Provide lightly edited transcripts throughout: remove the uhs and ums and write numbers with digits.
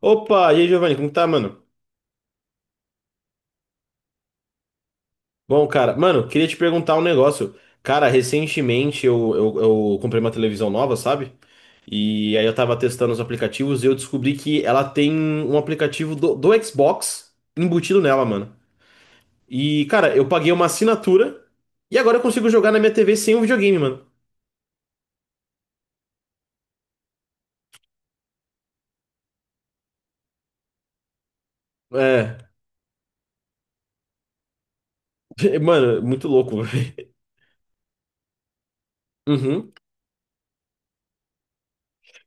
Opa, e aí, Giovanni, como tá, mano? Bom, cara, mano, queria te perguntar um negócio. Cara, recentemente eu comprei uma televisão nova, sabe? E aí eu tava testando os aplicativos e eu descobri que ela tem um aplicativo do Xbox embutido nela, mano. E, cara, eu paguei uma assinatura e agora eu consigo jogar na minha TV sem o videogame, mano. É, mano, muito louco. velho. Uhum.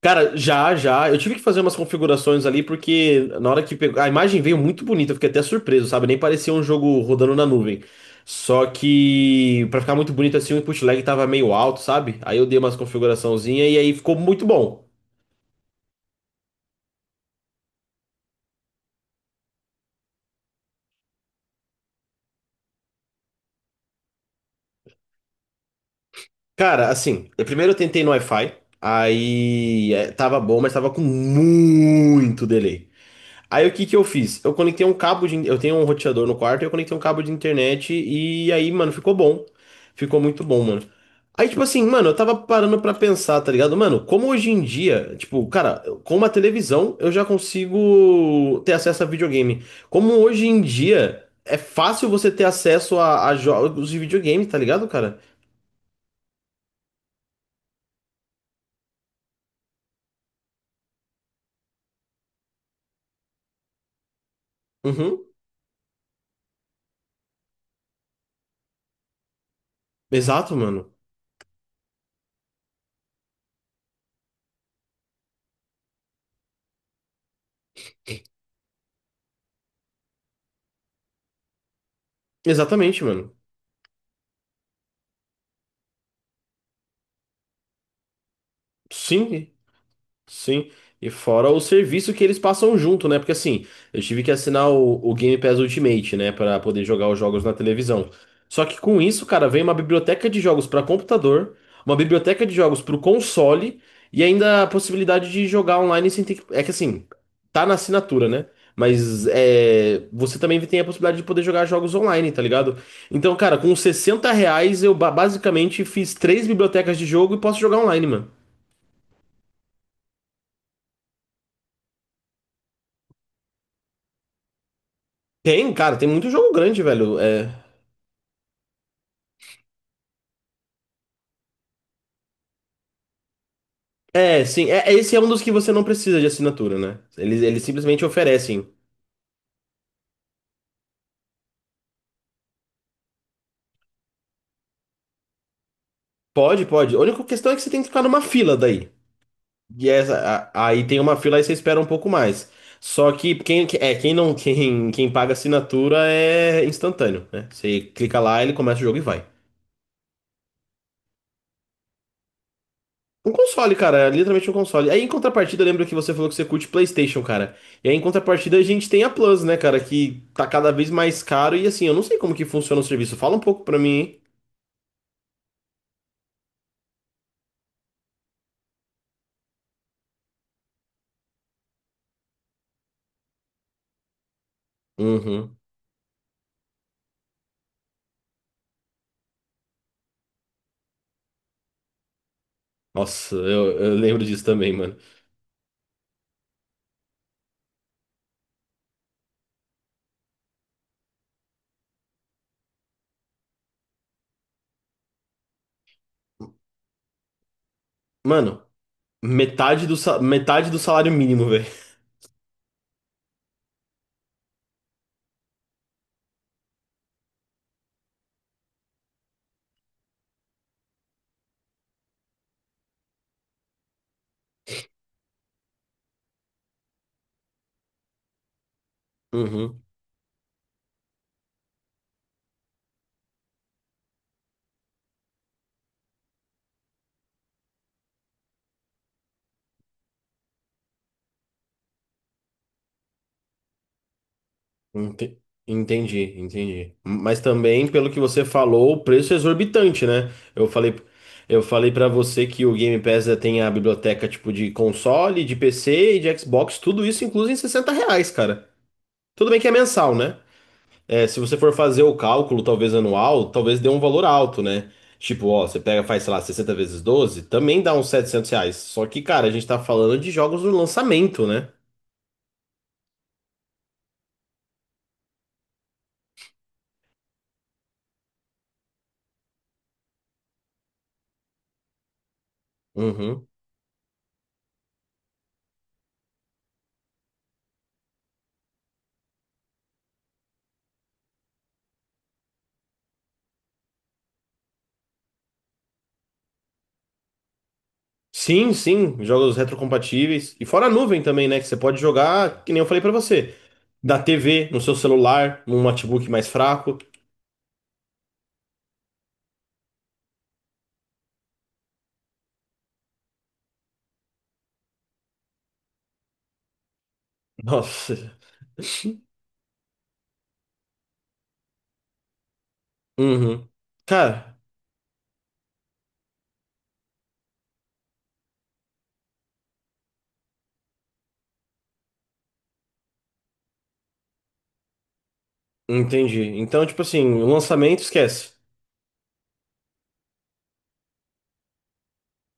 Cara, já, já. Eu tive que fazer umas configurações ali, porque na hora que pegou. A imagem veio muito bonita, eu fiquei até surpreso, sabe? Nem parecia um jogo rodando na nuvem. Só que, pra ficar muito bonito assim, o input lag tava meio alto, sabe? Aí eu dei umas configuraçãozinhas e aí ficou muito bom. Cara, assim, eu primeiro eu tentei no Wi-Fi, aí é, tava bom, mas tava com muito delay. Aí o que que eu fiz? Eu conectei um cabo de. Eu tenho um roteador no quarto, eu conectei um cabo de internet e aí, mano, ficou bom. Ficou muito bom, mano. Aí, tipo assim, mano, eu tava parando pra pensar, tá ligado? Mano, como hoje em dia, tipo, cara, com uma televisão eu já consigo ter acesso a videogame. Como hoje em dia é fácil você ter acesso a jogos de videogame, tá ligado, cara? Uhum. Exato, mano. Exatamente, mano. Sim. Sim, e fora o serviço que eles passam junto, né? Porque assim, eu tive que assinar o Game Pass Ultimate, né, pra poder jogar os jogos na televisão. Só que com isso, cara, vem uma biblioteca de jogos pra computador, uma biblioteca de jogos pro console e ainda a possibilidade de jogar online sem ter que... É que assim, tá na assinatura, né? Mas é, você também tem a possibilidade de poder jogar jogos online, tá ligado? Então, cara, com R$ 60 eu basicamente fiz três bibliotecas de jogo e posso jogar online, mano. Tem, cara, tem muito jogo grande, velho. É, é sim. É, esse é um dos que você não precisa de assinatura, né? Eles simplesmente oferecem. Pode, pode. A única questão é que você tem que ficar numa fila daí. E aí tem uma fila aí você espera um pouco mais. Só que quem, que- é, quem não, quem paga assinatura é instantâneo, né? Você clica lá, ele começa o jogo e vai. Um console, cara, é literalmente um console. Aí em contrapartida, eu lembro que você falou que você curte PlayStation, cara. E aí em contrapartida a gente tem a Plus, né, cara, que tá cada vez mais caro e assim, eu não sei como que funciona o serviço. Fala um pouco pra mim, hein? Uhum. Nossa, eu lembro disso também, mano. Mano, metade metade do salário mínimo, velho. Uhum. Ente- Entendi, entendi. Mas também, pelo que você falou, o preço é exorbitante, né? Eu falei, eu falei para você que o Game Pass já tem a biblioteca tipo de console, de PC e de Xbox, tudo isso incluso em R$ 60, cara. Tudo bem que é mensal, né? É, se você for fazer o cálculo, talvez anual, talvez dê um valor alto, né? Tipo, ó, você pega, faz, sei lá, 60 vezes 12, também dá uns R$ 700. Só que, cara, a gente tá falando de jogos do lançamento, né? Uhum. Sim, sim, jogos retrocompatíveis. E fora a nuvem também, né? Que você pode jogar, que nem eu falei pra você, da TV, no seu celular, num notebook mais fraco. Nossa. Uhum. Cara, entendi. Então, tipo assim, o lançamento, esquece.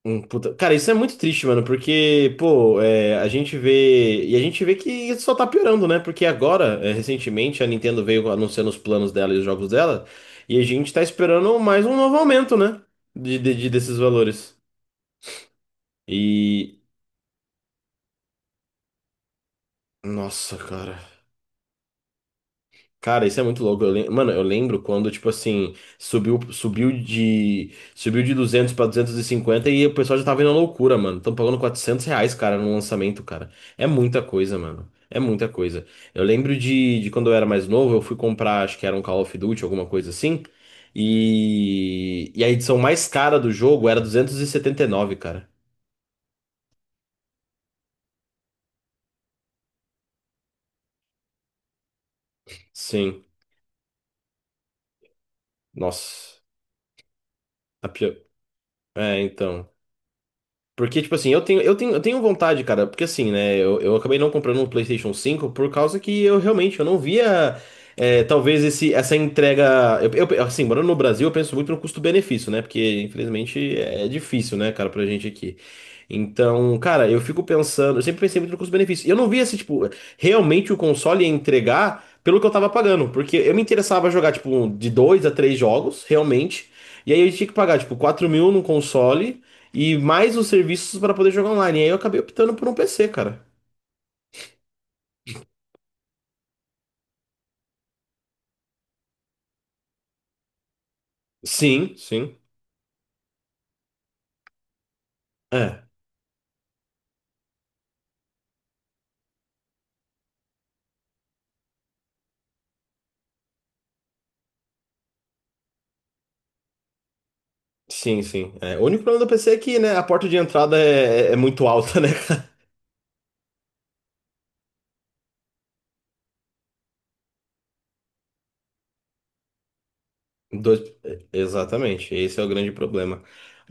Cara, isso é muito triste, mano, porque, pô, é, a gente vê. E a gente vê que isso só tá piorando, né? Porque agora, é, recentemente, a Nintendo veio anunciando os planos dela e os jogos dela, e a gente tá esperando mais um novo aumento, né? Desses valores. E. Nossa, cara. Cara, isso é muito louco. Mano, eu lembro quando, tipo assim, Subiu de 200 pra 250 e o pessoal já tava indo à loucura, mano. Tão pagando R$ 400, cara, no lançamento, cara. É muita coisa, mano. É muita coisa. Eu lembro de quando eu era mais novo, eu fui comprar, acho que era um Call of Duty, alguma coisa assim. E. E a edição mais cara do jogo era 279 cara. Sim. Nossa. A pior. É, então. Porque, tipo assim, eu tenho vontade, cara, porque assim, né, eu acabei não comprando um PlayStation 5 por causa que eu realmente eu não via, é, talvez, esse, essa entrega. Assim, morando no Brasil, eu penso muito no custo-benefício, né? Porque, infelizmente, é difícil, né, cara, pra gente aqui. Então, cara, eu fico pensando, eu sempre pensei muito no custo-benefício. E eu não via se, tipo, realmente o console ia entregar pelo que eu tava pagando, porque eu me interessava jogar, tipo, de 2 a 3 jogos, realmente. E aí eu tinha que pagar, tipo, 4 mil num console e mais os serviços para poder jogar online. E aí eu acabei optando por um PC, cara. Sim, sim. É. Sim, sim. É. O único problema do PC é que, né, a porta de entrada é muito alta, né, Dois... é, exatamente, esse é o grande problema.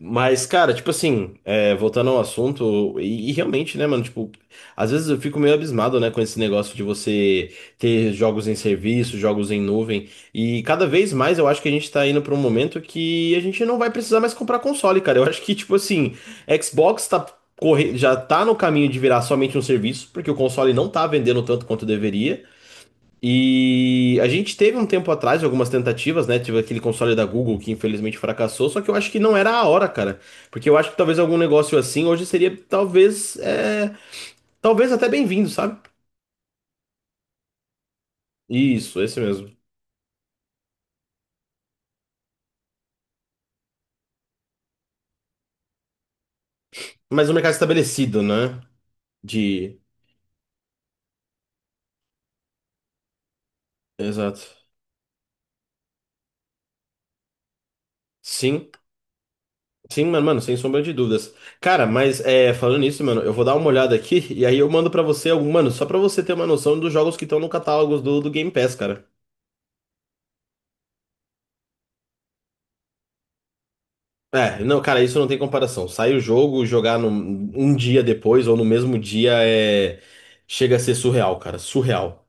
Mas, cara, tipo assim, é, voltando ao assunto, e realmente, né, mano, tipo, às vezes eu fico meio abismado, né, com esse negócio de você ter jogos em serviço, jogos em nuvem, e cada vez mais eu acho que a gente tá indo pra um momento que a gente não vai precisar mais comprar console, cara. Eu acho que, tipo assim, Xbox tá corre... já tá no caminho de virar somente um serviço, porque o console não tá vendendo tanto quanto deveria. E a gente teve um tempo atrás algumas tentativas, né? Tive aquele console da Google que infelizmente fracassou, só que eu acho que não era a hora, cara. Porque eu acho que talvez algum negócio assim hoje seria talvez, é, talvez até bem-vindo, sabe? Isso, esse mesmo. Mas um mercado estabelecido, né? De. Exato. Sim, sim, mano, mano, sem sombra de dúvidas. Cara, mas é, falando nisso, mano, eu vou dar uma olhada aqui e aí eu mando pra você algum, mano, só pra você ter uma noção dos jogos que estão no catálogo do Game Pass, cara. É, não, cara, isso não tem comparação. Sai o jogo, jogar no, um dia depois ou no mesmo dia é. Chega a ser surreal, cara. Surreal.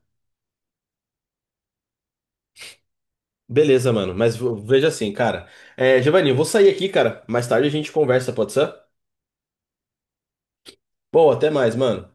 Beleza, mano. Mas veja assim, cara. É, Giovanni, eu vou sair aqui, cara. Mais tarde a gente conversa, pode ser? Bom, até mais, mano.